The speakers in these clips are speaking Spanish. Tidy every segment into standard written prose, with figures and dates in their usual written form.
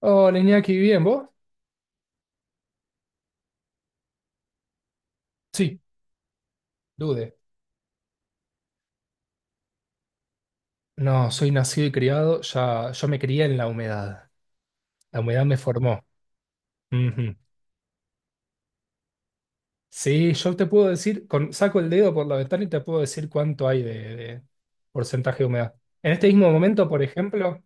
Hola Iñaki, ¿bien vos? Sí, Dude. No, soy nacido y criado, ya, yo me crié en la humedad. La humedad me formó. Ujú. Sí, yo te puedo decir, con, saco el dedo por la ventana y te puedo decir cuánto hay de porcentaje de humedad. En este mismo momento, por ejemplo,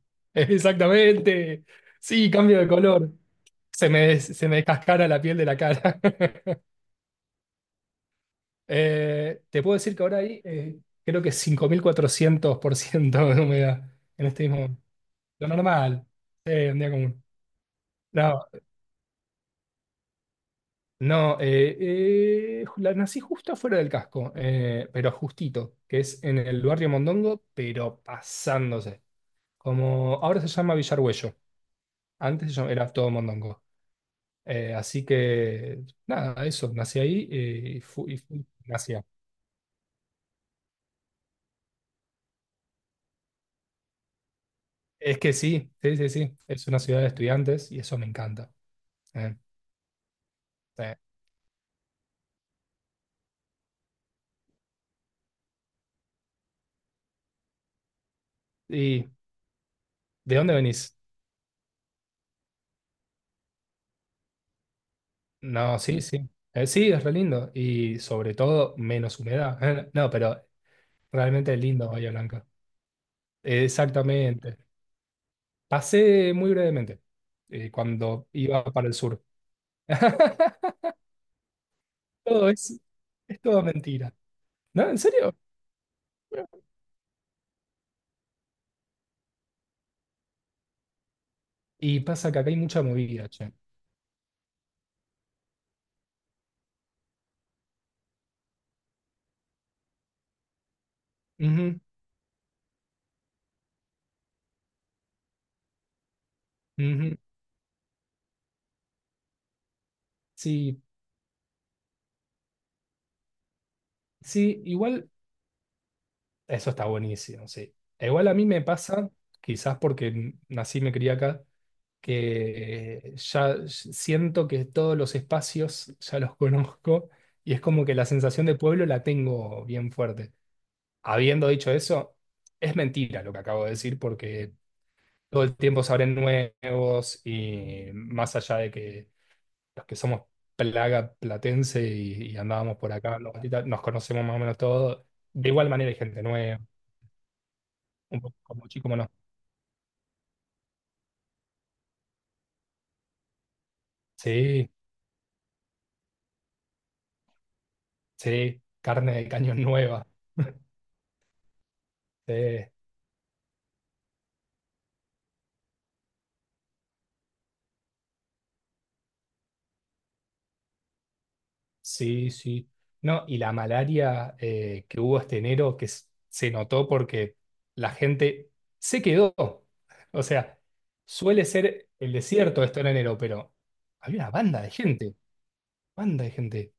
exactamente. Sí, cambio de color. Se me descascara la piel de la cara. Te puedo decir que ahora hay, creo que 5.400% de humedad en este mismo. Lo normal. Sí, un día común. No, no, la nací justo afuera del casco, pero justito, que es en el barrio Mondongo, pero pasándose. Como ahora se llama Villargüello, antes era todo Mondongo. Así que, nada, eso, nací ahí y fui, nací ahí. Es que sí, sí, sí, sí, es una ciudad de estudiantes y eso me encanta. Eh, eh. ¿Y de dónde venís? No, sí, sí. Sí, es re lindo. Y sobre todo, menos humedad. No, pero realmente es lindo Bahía Blanca. Exactamente. Pasé muy brevemente cuando iba para el sur. Todo es todo mentira. ¿No? ¿En serio? Y pasa que acá hay mucha movida, che. Ujú, ujú. Sí, sí, igual eso está buenísimo, sí. e igual a mí me pasa, quizás porque nací y me crié acá, que ya siento que todos los espacios ya los conozco y es como que la sensación de pueblo la tengo bien fuerte. Habiendo dicho eso, es mentira lo que acabo de decir porque todo el tiempo se abren nuevos y más allá de que los que somos plaga platense y andábamos por acá, los gatitas, nos conocemos más o menos todos, de igual manera hay gente nueva, un poco como chico, como no. Sí, sí, carne de cañón nueva. Sí. Sí, sí. No, y la malaria que hubo este enero, que se notó porque la gente se quedó. O sea, suele ser el desierto esto en enero, pero había una banda de gente, banda de gente.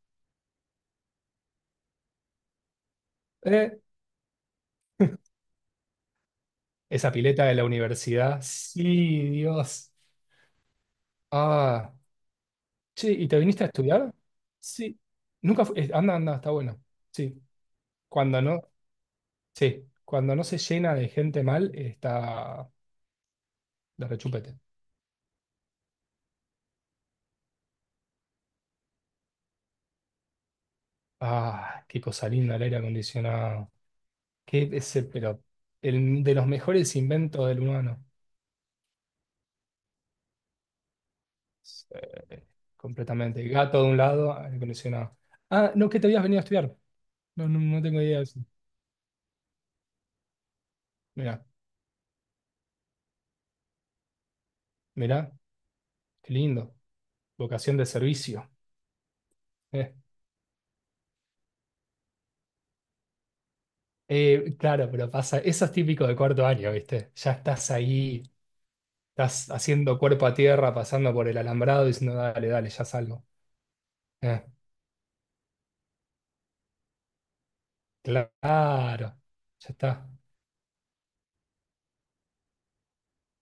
Eh, Esa pileta de la universidad, sí, Dios. Ah, che, ¿y te viniste a estudiar? Sí. Nunca fu- Anda, anda, está bueno. Sí. Cuando no, sí, cuando no se llena de gente mal, está de rechupete. Ah, qué cosa linda el aire acondicionado. Qué es el, pero el, de los mejores inventos del humano. Sí, completamente. Gato de un lado, aire acondicionado. Ah, no, que te habías venido a estudiar. No, no, no tengo idea de eso. Mirá, mirá, qué lindo. Vocación de servicio. Eh, claro, pero pasa, eso es típico de cuarto año, ¿viste? Ya estás ahí, estás haciendo cuerpo a tierra, pasando por el alambrado, diciendo, dale, dale, ya salgo. Eh, claro, ya está.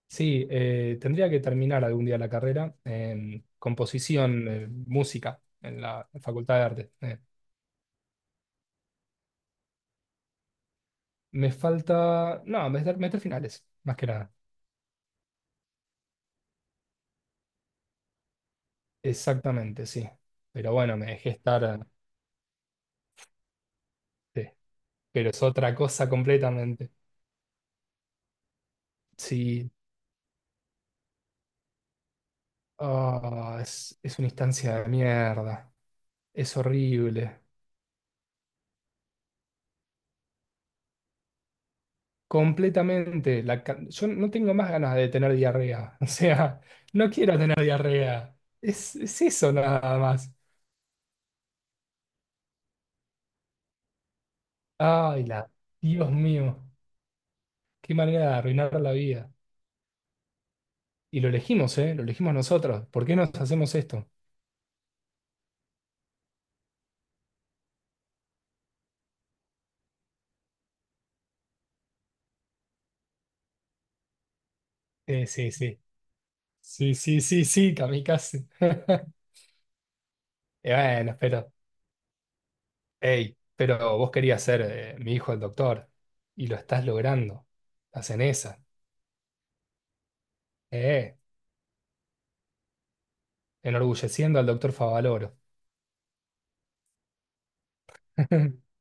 Sí, tendría que terminar algún día la carrera en composición, música, en la Facultad de Arte. Me falta, no, meter finales, más que nada. Exactamente, sí. Pero bueno, me dejé estar, sí. Pero es otra cosa completamente. Sí, ah, es una instancia de mierda. Es horrible. Completamente. Yo no tengo más ganas de tener diarrea. O sea, no quiero tener diarrea. Es eso nada más. Ay, Dios mío, qué manera de arruinar la vida. Y lo elegimos, ¿eh? Lo elegimos nosotros. ¿Por qué nos hacemos esto? Sí, sí. Sí, sí, sí, sí, kamikaze. Y bueno, pero, hey, pero vos querías ser mi hijo el doctor y lo estás logrando. Estás en esa. Eh, enorgulleciendo al doctor Favaloro.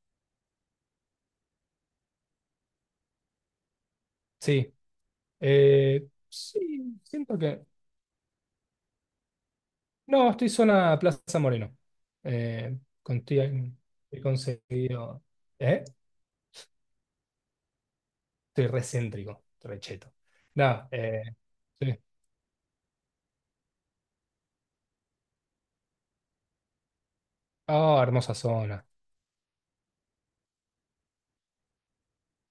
Sí, sí, siento que. No, estoy zona Plaza Moreno. Eh, con- estoy- He conseguido. ¿Eh? Estoy recéntrico, recheto. Nada, sí. Ah, hermosa zona.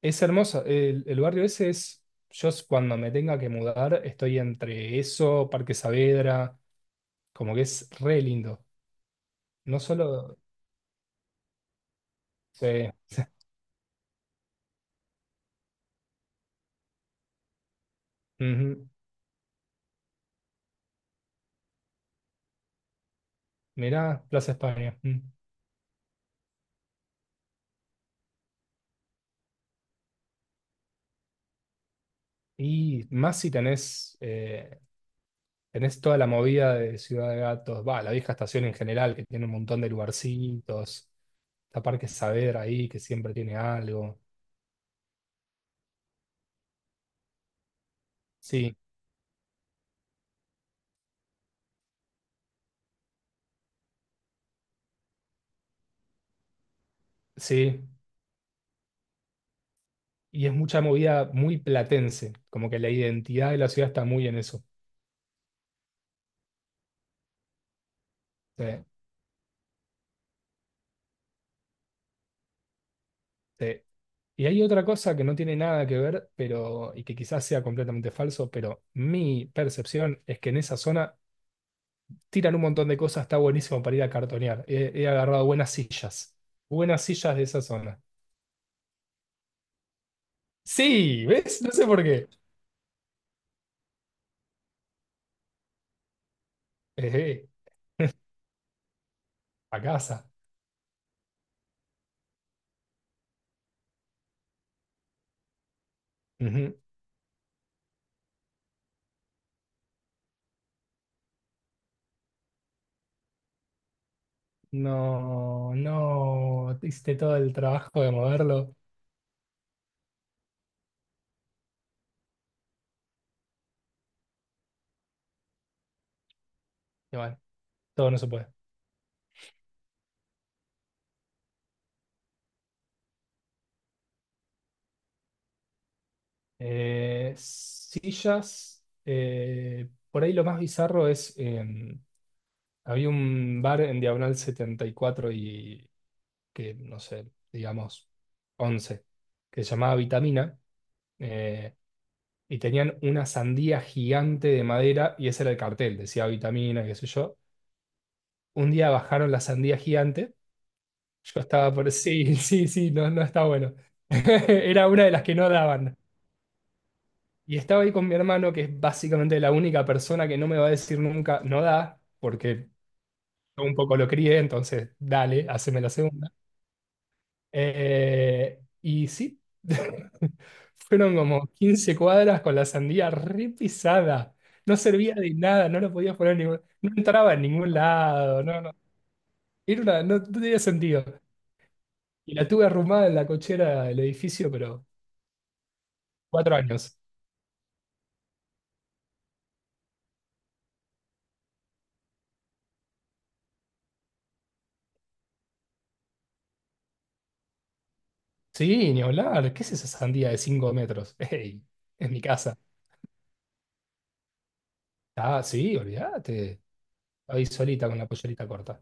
Es hermosa. El barrio ese es. Cuando me tenga que mudar, estoy entre eso, Parque Saavedra. Como que es re lindo. No solo. Sí. Ujú. Mirá, Plaza España. Mm. Y más si tenés, tenés toda la movida de Ciudad de Gatos, va, la vieja estación en general, que tiene un montón de lugarcitos. Está Parque Saavedra ahí, que siempre tiene algo. Sí, sí. Y es mucha movida muy platense, como que la identidad de la ciudad está muy en eso. Sí, sí. Y hay otra cosa que no tiene nada que ver, pero, y que quizás sea completamente falso, pero mi percepción es que en esa zona tiran un montón de cosas, está buenísimo para ir a cartonear. He agarrado buenas sillas de esa zona. Sí, ¿ves? No sé por qué. Ejé, a casa. Ujú. No, no, te hiciste todo el trabajo de moverlo. Y bueno, todo no se puede. Sillas. Por ahí lo más bizarro es, había un bar en Diagonal 74 y que, no sé, digamos, 11, que se llamaba Vitamina. eh, y tenían una sandía gigante de madera y ese era el cartel, decía Vitamina, qué sé yo. Un día bajaron la sandía gigante. Yo estaba por... Sí, sí, sí, no, no está bueno. Era una de las que no daban. Y estaba ahí con mi hermano, que es básicamente la única persona que no me va a decir nunca, no da, porque yo un poco lo crié, entonces dale, haceme la segunda. Y sí, fueron como 15 cuadras con la sandía re pisada. No servía de nada, no lo podías poner en ningún... No entraba en ningún lado, no, no. No tenía sentido. Y la tuve arrumada en la cochera del edificio, pero 4 años. Sí, ni hablar. ¿Qué es esa sandía de 5 metros? ¡Ey! Es mi casa. Ah, sí, olvídate. Ahí solita con la pollerita corta.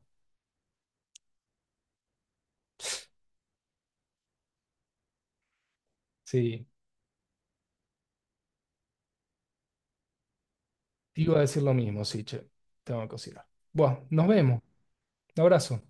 Sí, te iba a decir lo mismo, sí, che. Tengo que cocinar. Bueno, nos vemos. Un abrazo.